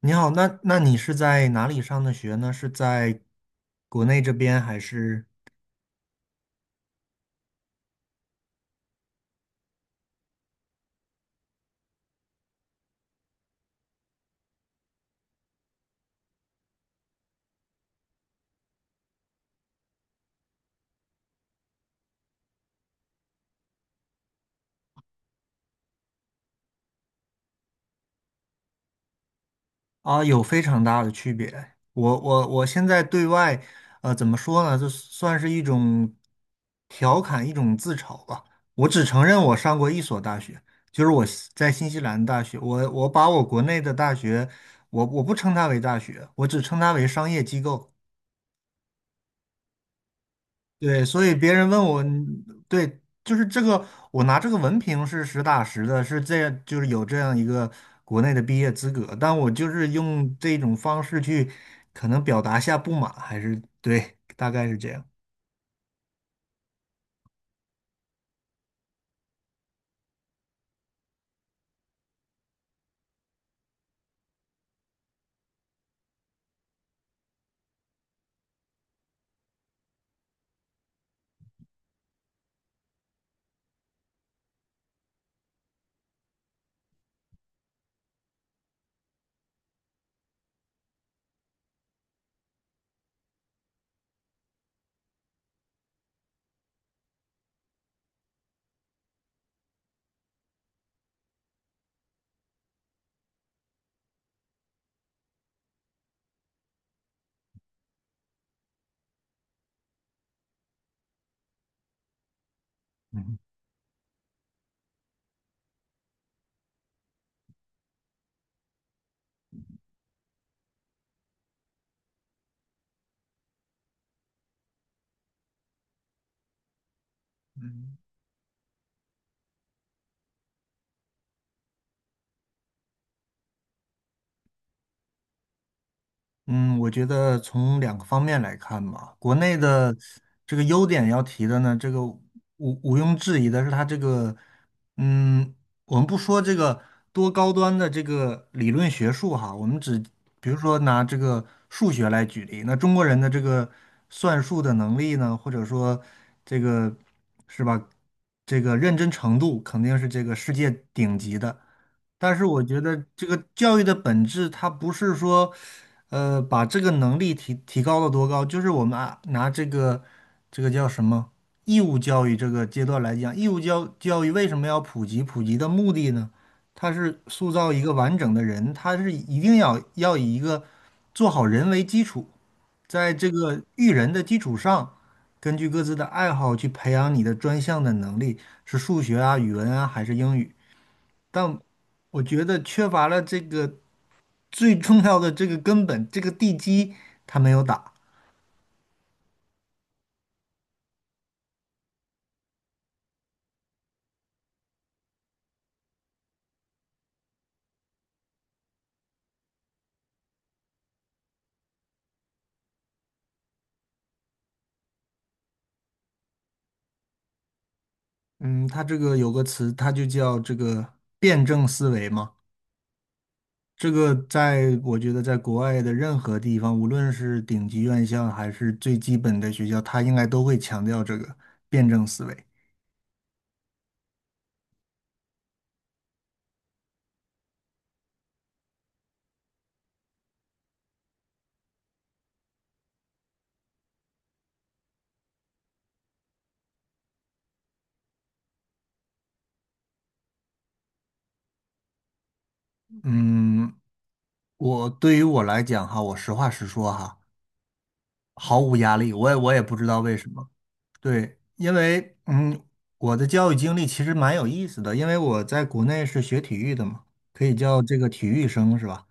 你好，那你是在哪里上的学呢？是在国内这边还是啊？有非常大的区别。我现在对外，怎么说呢？这算是一种调侃，一种自嘲吧。我只承认我上过一所大学，就是我西在新西兰大学。我把我国内的大学，我不称它为大学，我只称它为商业机构。对，所以别人问我，嗯，对，就是这个，我拿这个文凭是实打实的，是这样，就是有这样一个国内的毕业资格，但我就是用这种方式去，可能表达下不满，还是对，大概是这样。嗯，嗯。嗯，我觉得从两个方面来看吧，国内嗯的这个优点要提的呢，这个毋庸置疑的是它这个，嗯，我们不说这个多高端的这个理论学术哈，我们只比如说拿这个数学来举例，那中国人的这个算术的能力呢，或者说这个是吧，这个认真程度肯定是这个世界顶级的。但是我觉得这个教育的本质，它不是说，呃，把这个能力提高到多高？就是我们啊，拿这个这个叫什么义务教育这个阶段来讲，义务教育为什么要普及？普及的目的呢，它是塑造一个完整的人，它是一定要以一个做好人为基础，在这个育人的基础上，根据各自的爱好去培养你的专项的能力，是数学啊、语文啊还是英语？但我觉得缺乏了这个。最重要的这个根本，这个地基他没有打。嗯，他这个有个词，它就叫这个辩证思维嘛。这个在我觉得在国外的任何地方，无论是顶级院校还是最基本的学校，它应该都会强调这个辩证思维。嗯，我对于我来讲哈，我实话实说哈，毫无压力。我也不知道为什么。对，因为，嗯，我的教育经历其实蛮有意思的，因为我在国内是学体育的嘛，可以叫这个体育生是吧？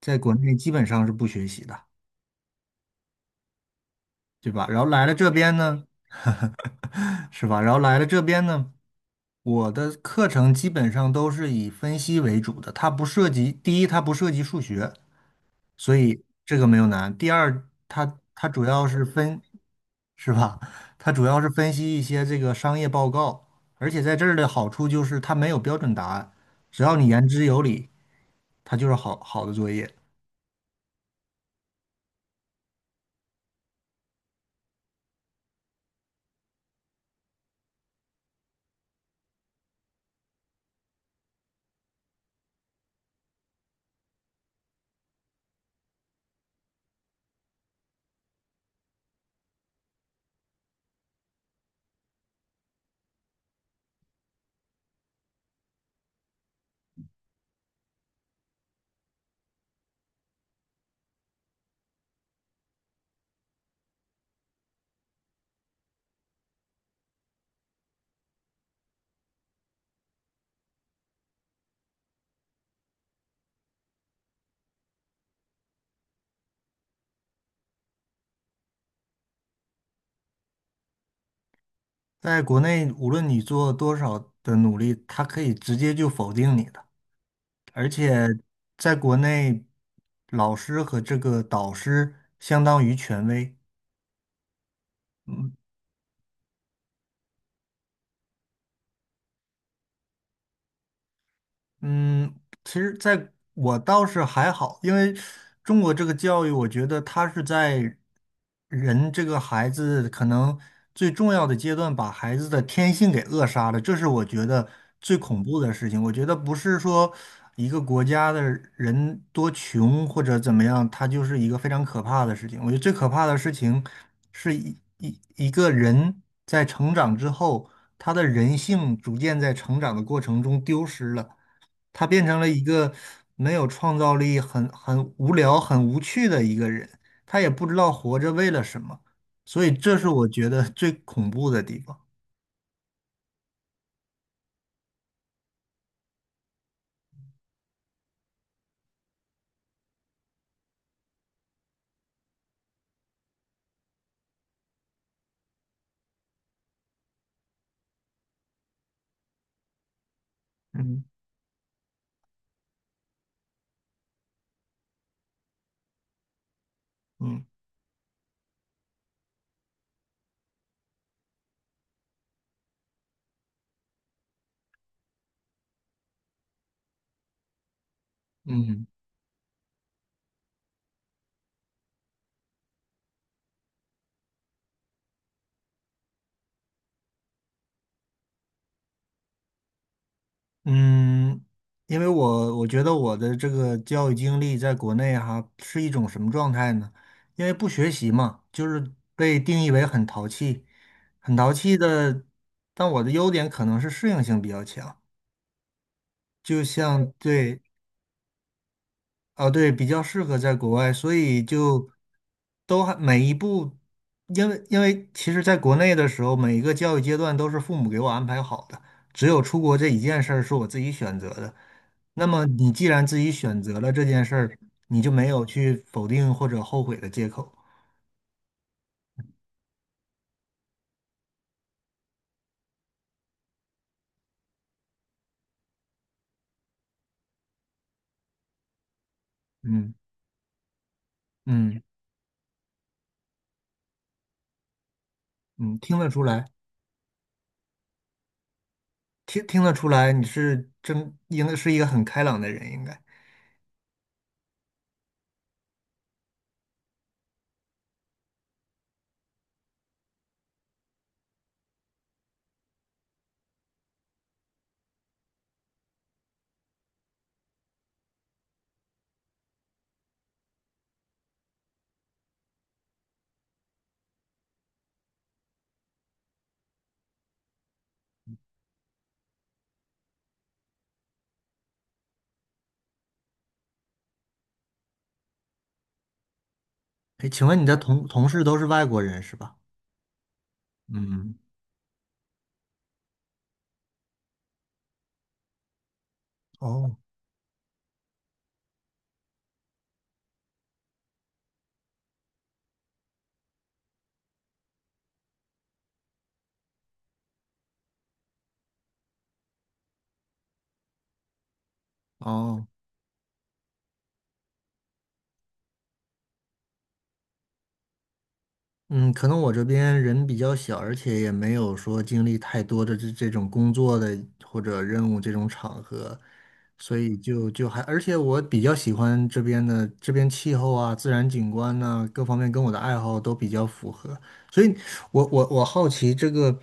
在国内基本上是不学习的，对吧？然后来了这边呢，是吧？然后来了这边呢，我的课程基本上都是以分析为主的，它不涉及，第一，它不涉及数学，所以这个没有难。第二，它主要是分，是吧？它主要是分析一些这个商业报告，而且在这儿的好处就是它没有标准答案，只要你言之有理，它就是好好的作业。在国内，无论你做多少的努力，它可以直接就否定你的。而且在国内，老师和这个导师相当于权威，嗯，嗯，其实在我倒是还好，因为中国这个教育，我觉得它是在人这个孩子可能最重要的阶段，把孩子的天性给扼杀了，这是我觉得最恐怖的事情。我觉得不是说一个国家的人多穷或者怎么样，它就是一个非常可怕的事情。我觉得最可怕的事情是一个人在成长之后，他的人性逐渐在成长的过程中丢失了。他变成了一个没有创造力、很无聊、很无趣的一个人，他也不知道活着为了什么，所以这是我觉得最恐怖的地方。嗯，嗯，嗯，嗯，因为我觉得我的这个教育经历在国内哈是一种什么状态呢？因为不学习嘛，就是被定义为很淘气，很淘气的。但我的优点可能是适应性比较强，就像对啊，对，比较适合在国外，所以就都还每一步，因为因为其实在国内的时候，每一个教育阶段都是父母给我安排好的，只有出国这一件事儿是我自己选择的。那么你既然自己选择了这件事儿，你就没有去否定或者后悔的借口。嗯，嗯，嗯，听得出来，听得出来，你是真应该是一个很开朗的人，应该。哎，请问你的同事都是外国人是吧？嗯，哦，哦。嗯，可能我这边人比较小，而且也没有说经历太多的这种工作的或者任务这种场合，所以就就还，而且我比较喜欢这边的这边气候啊、自然景观呐、各方面跟我的爱好都比较符合，所以我好奇这个，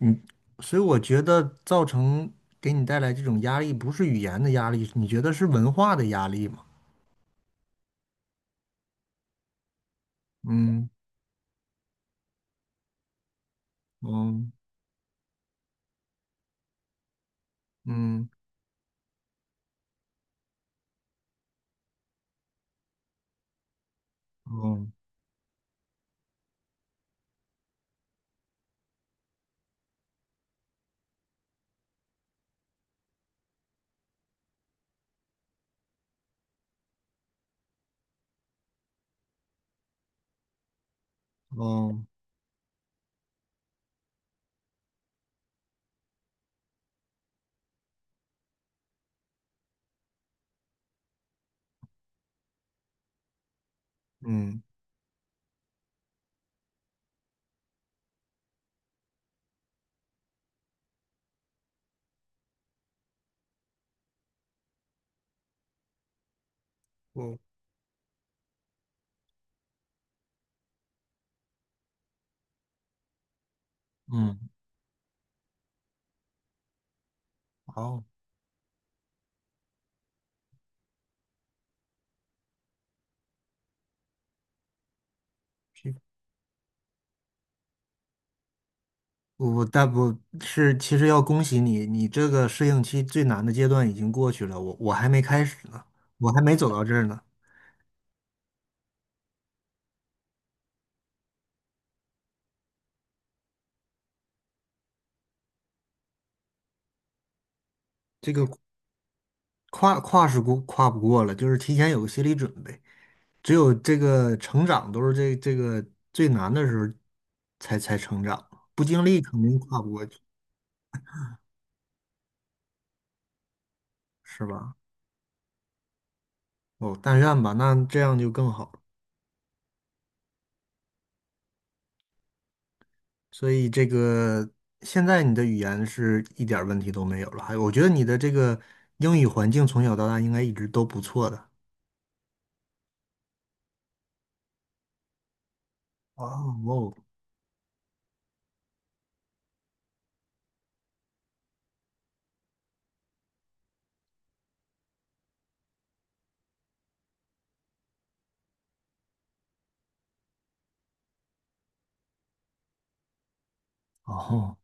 嗯，所以我觉得造成给你带来这种压力，不是语言的压力，你觉得是文化的压力吗？嗯，嗯，嗯，嗯，嗯，嗯。嗯，嗯，好，皮我但不是，其实要恭喜你，你这个适应期最难的阶段已经过去了，我还没开始呢，我还没走到这儿呢，这个跨是过跨不过了，就是提前有个心理准备，只有这个成长都是这个最难的时候才成长，不经历肯定跨不过去，是吧？哦，但愿吧，那这样就更好了。所以这个现在你的语言是一点儿问题都没有了，还有我觉得你的这个英语环境从小到大应该一直都不错的。哦，哦，哦，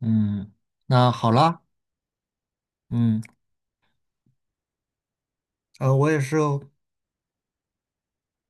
嗯，那好啦，嗯，我也是哦，